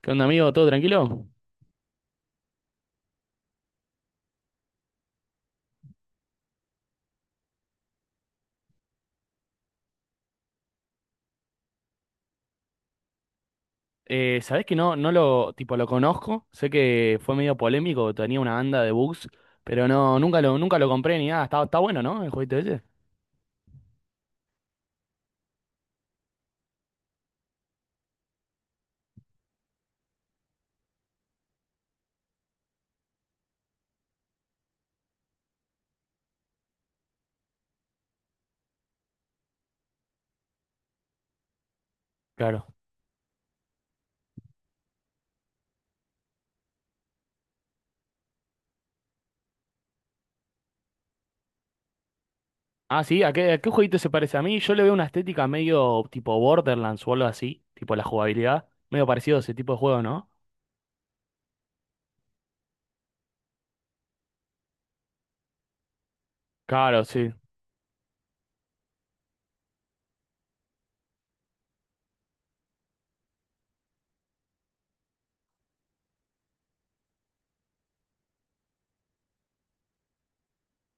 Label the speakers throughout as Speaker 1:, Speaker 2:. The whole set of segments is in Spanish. Speaker 1: ¿Qué onda, amigo? ¿Todo tranquilo? ¿Sabés que no, no lo, tipo, lo conozco? Sé que fue medio polémico, tenía una banda de bugs, pero no, nunca lo compré ni nada. Está bueno, ¿no? El jueguito ese. Claro. Ah, sí, ¿a qué jueguito se parece a mí? Yo le veo una estética medio tipo Borderlands o algo así, tipo la jugabilidad, medio parecido a ese tipo de juego, ¿no? Claro, sí.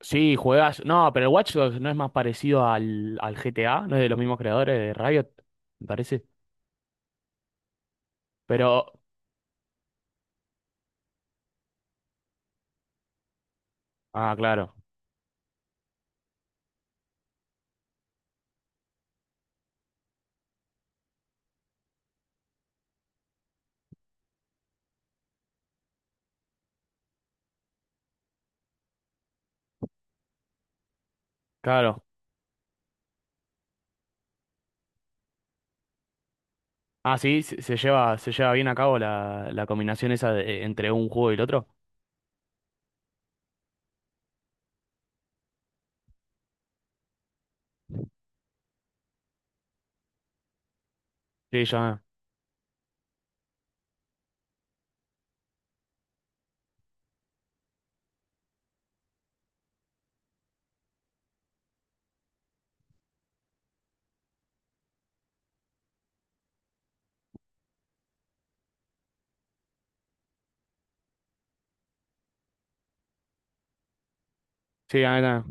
Speaker 1: Sí, juegas. No, pero el Watch Dogs no es más parecido al GTA, no es de los mismos creadores de Riot, me parece. Pero. Ah, claro, claro. Ah, sí, se lleva bien a cabo la combinación esa entre un juego y el otro. Sí, ya. Sí, acá.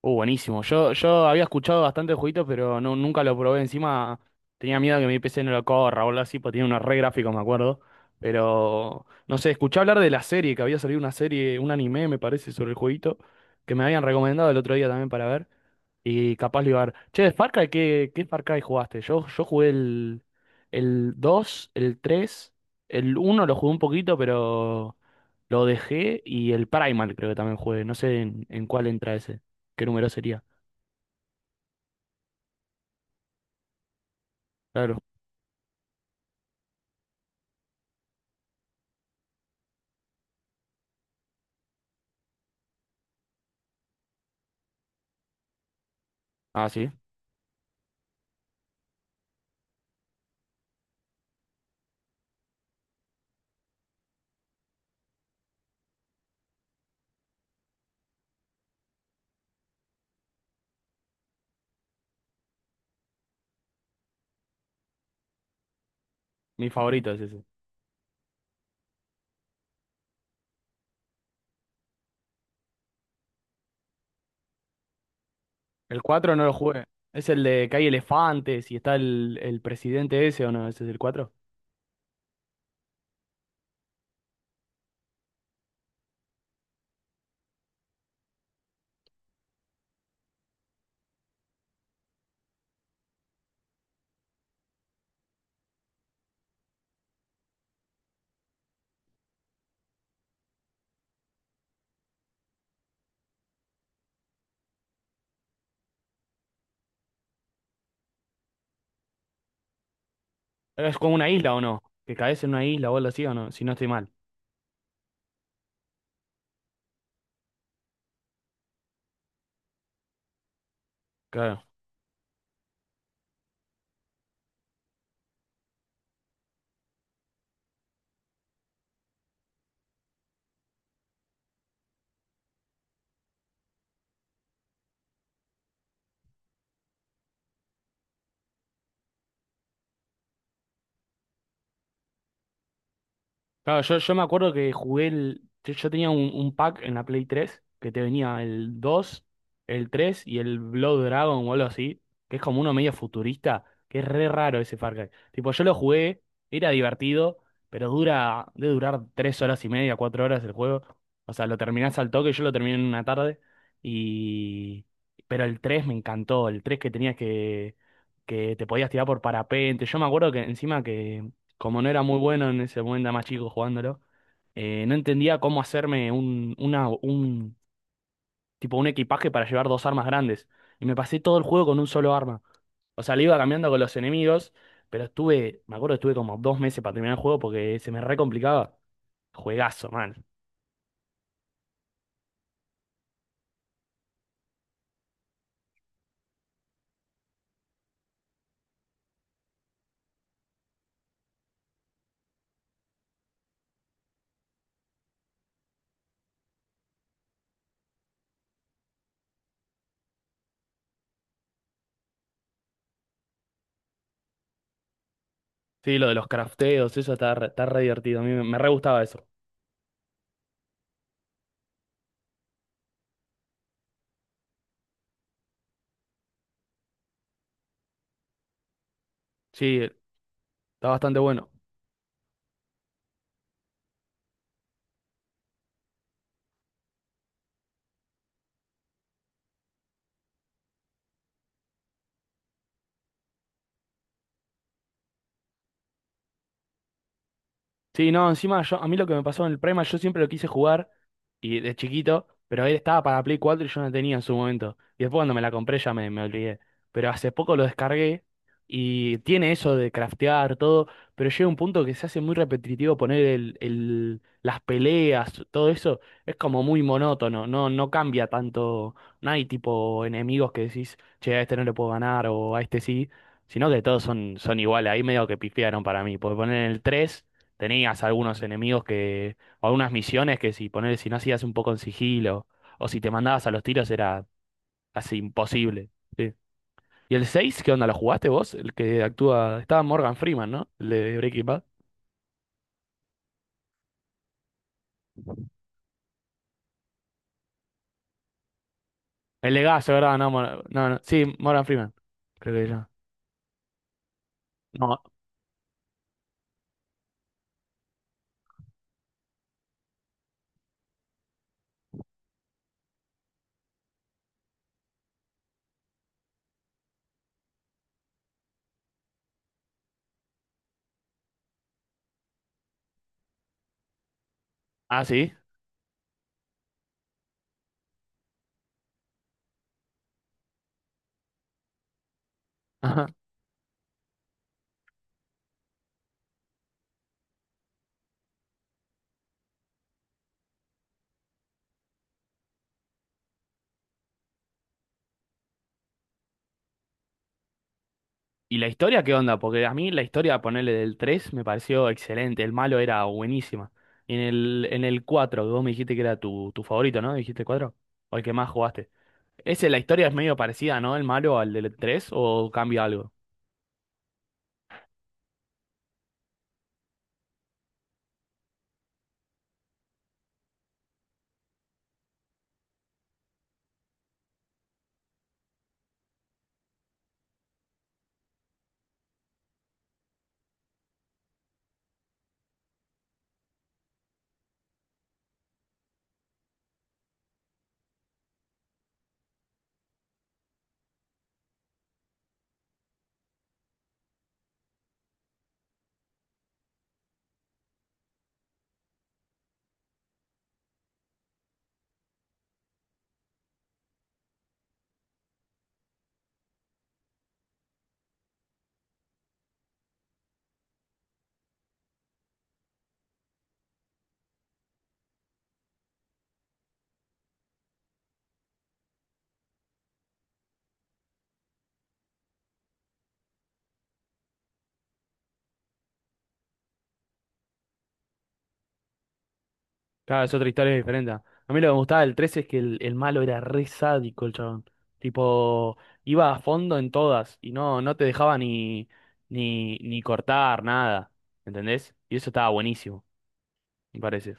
Speaker 1: Buenísimo. Yo había escuchado bastante el jueguito, pero no, nunca lo probé. Encima tenía miedo que mi PC no lo corra o algo así, porque tiene unos re gráficos, me acuerdo. Pero, no sé, escuché hablar de la serie, que había salido una serie, un anime, me parece, sobre el jueguito, que me habían recomendado el otro día también para ver. Y capaz lo iba a ver. Che, de Far Cry, ¿qué Far Cry jugaste? Yo jugué el 2, el 3, el uno lo jugué un poquito, pero lo dejé. Y el Primal creo que también jugué. No sé en cuál entra ese. ¿Qué número sería? Claro. Ah, sí. Mi favorito es ese. El cuatro no lo jugué. Es el de que hay elefantes y está el presidente ese o no. ¿Ese es el 4? Es como una isla o no. Que caes en una isla o algo así o no. Si no estoy mal. Claro. Claro, yo me acuerdo que jugué el. Yo tenía un pack en la Play 3 que te venía el 2, el 3 y el Blood Dragon o algo así, que es como uno medio futurista, que es re raro ese Far Cry. Tipo, yo lo jugué, era divertido, pero dura, debe durar 3 horas y media, 4 horas el juego. O sea, lo terminás al toque, yo lo terminé en una tarde. Y. Pero el 3 me encantó, el 3 que tenías que te podías tirar por parapente. Yo me acuerdo que encima que como no era muy bueno en ese momento, era más chico jugándolo, no entendía cómo hacerme tipo un equipaje para llevar dos armas grandes. Y me pasé todo el juego con un solo arma. O sea, le iba cambiando con los enemigos, pero estuve, me acuerdo, estuve como 2 meses para terminar el juego porque se me re complicaba. Juegazo, man. Sí, lo de los crafteos, eso está re divertido. A mí me re gustaba eso. Sí, está bastante bueno. Sí, no, encima yo, a mí lo que me pasó en el Prima, yo siempre lo quise jugar. Y de chiquito, pero él estaba para Play 4 y yo no tenía en su momento. Y después cuando me la compré ya me olvidé. Pero hace poco lo descargué y tiene eso de craftear todo, pero llega un punto que se hace muy repetitivo poner las peleas, todo eso es como muy monótono, no, no cambia tanto, no hay tipo enemigos que decís, che, a este no le puedo ganar o a este sí, sino que todos son iguales, ahí medio que pifiaron para mí, porque poner en el 3 tenías algunos enemigos o algunas misiones que si no hacías un poco en sigilo, o si te mandabas a los tiros era así imposible. Sí. ¿Y el 6 qué onda? ¿Lo jugaste vos? El que actúa. Estaba Morgan Freeman, ¿no? El de Breaking Bad. El legazo, ¿verdad? No, no, no. Sí, Morgan Freeman. Creo que era. No. Ah, sí. Ajá. ¿Y la historia qué onda? Porque a mí la historia, ponerle del 3 me pareció excelente. El malo era buenísima. Y en el 4 que vos me dijiste que era tu favorito, ¿no? Dijiste cuatro, o el que más jugaste. Ese, la historia es medio parecida, ¿no? El malo al del 3 o cambia algo. Claro, es otra historia diferente. A mí lo que me gustaba del 3 es que el malo era re sádico, el chabón. Tipo, iba a fondo en todas y no te dejaba ni, ni, cortar nada. ¿Entendés? Y eso estaba buenísimo, me parece.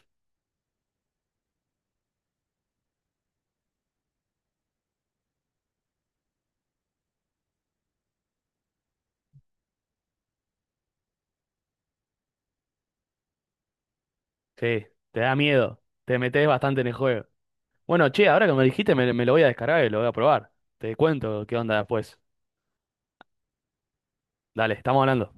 Speaker 1: Sí, te da miedo. Te metes bastante en el juego. Bueno, che, ahora que me dijiste, me lo voy a descargar y lo voy a probar. Te cuento qué onda después. Dale, estamos hablando.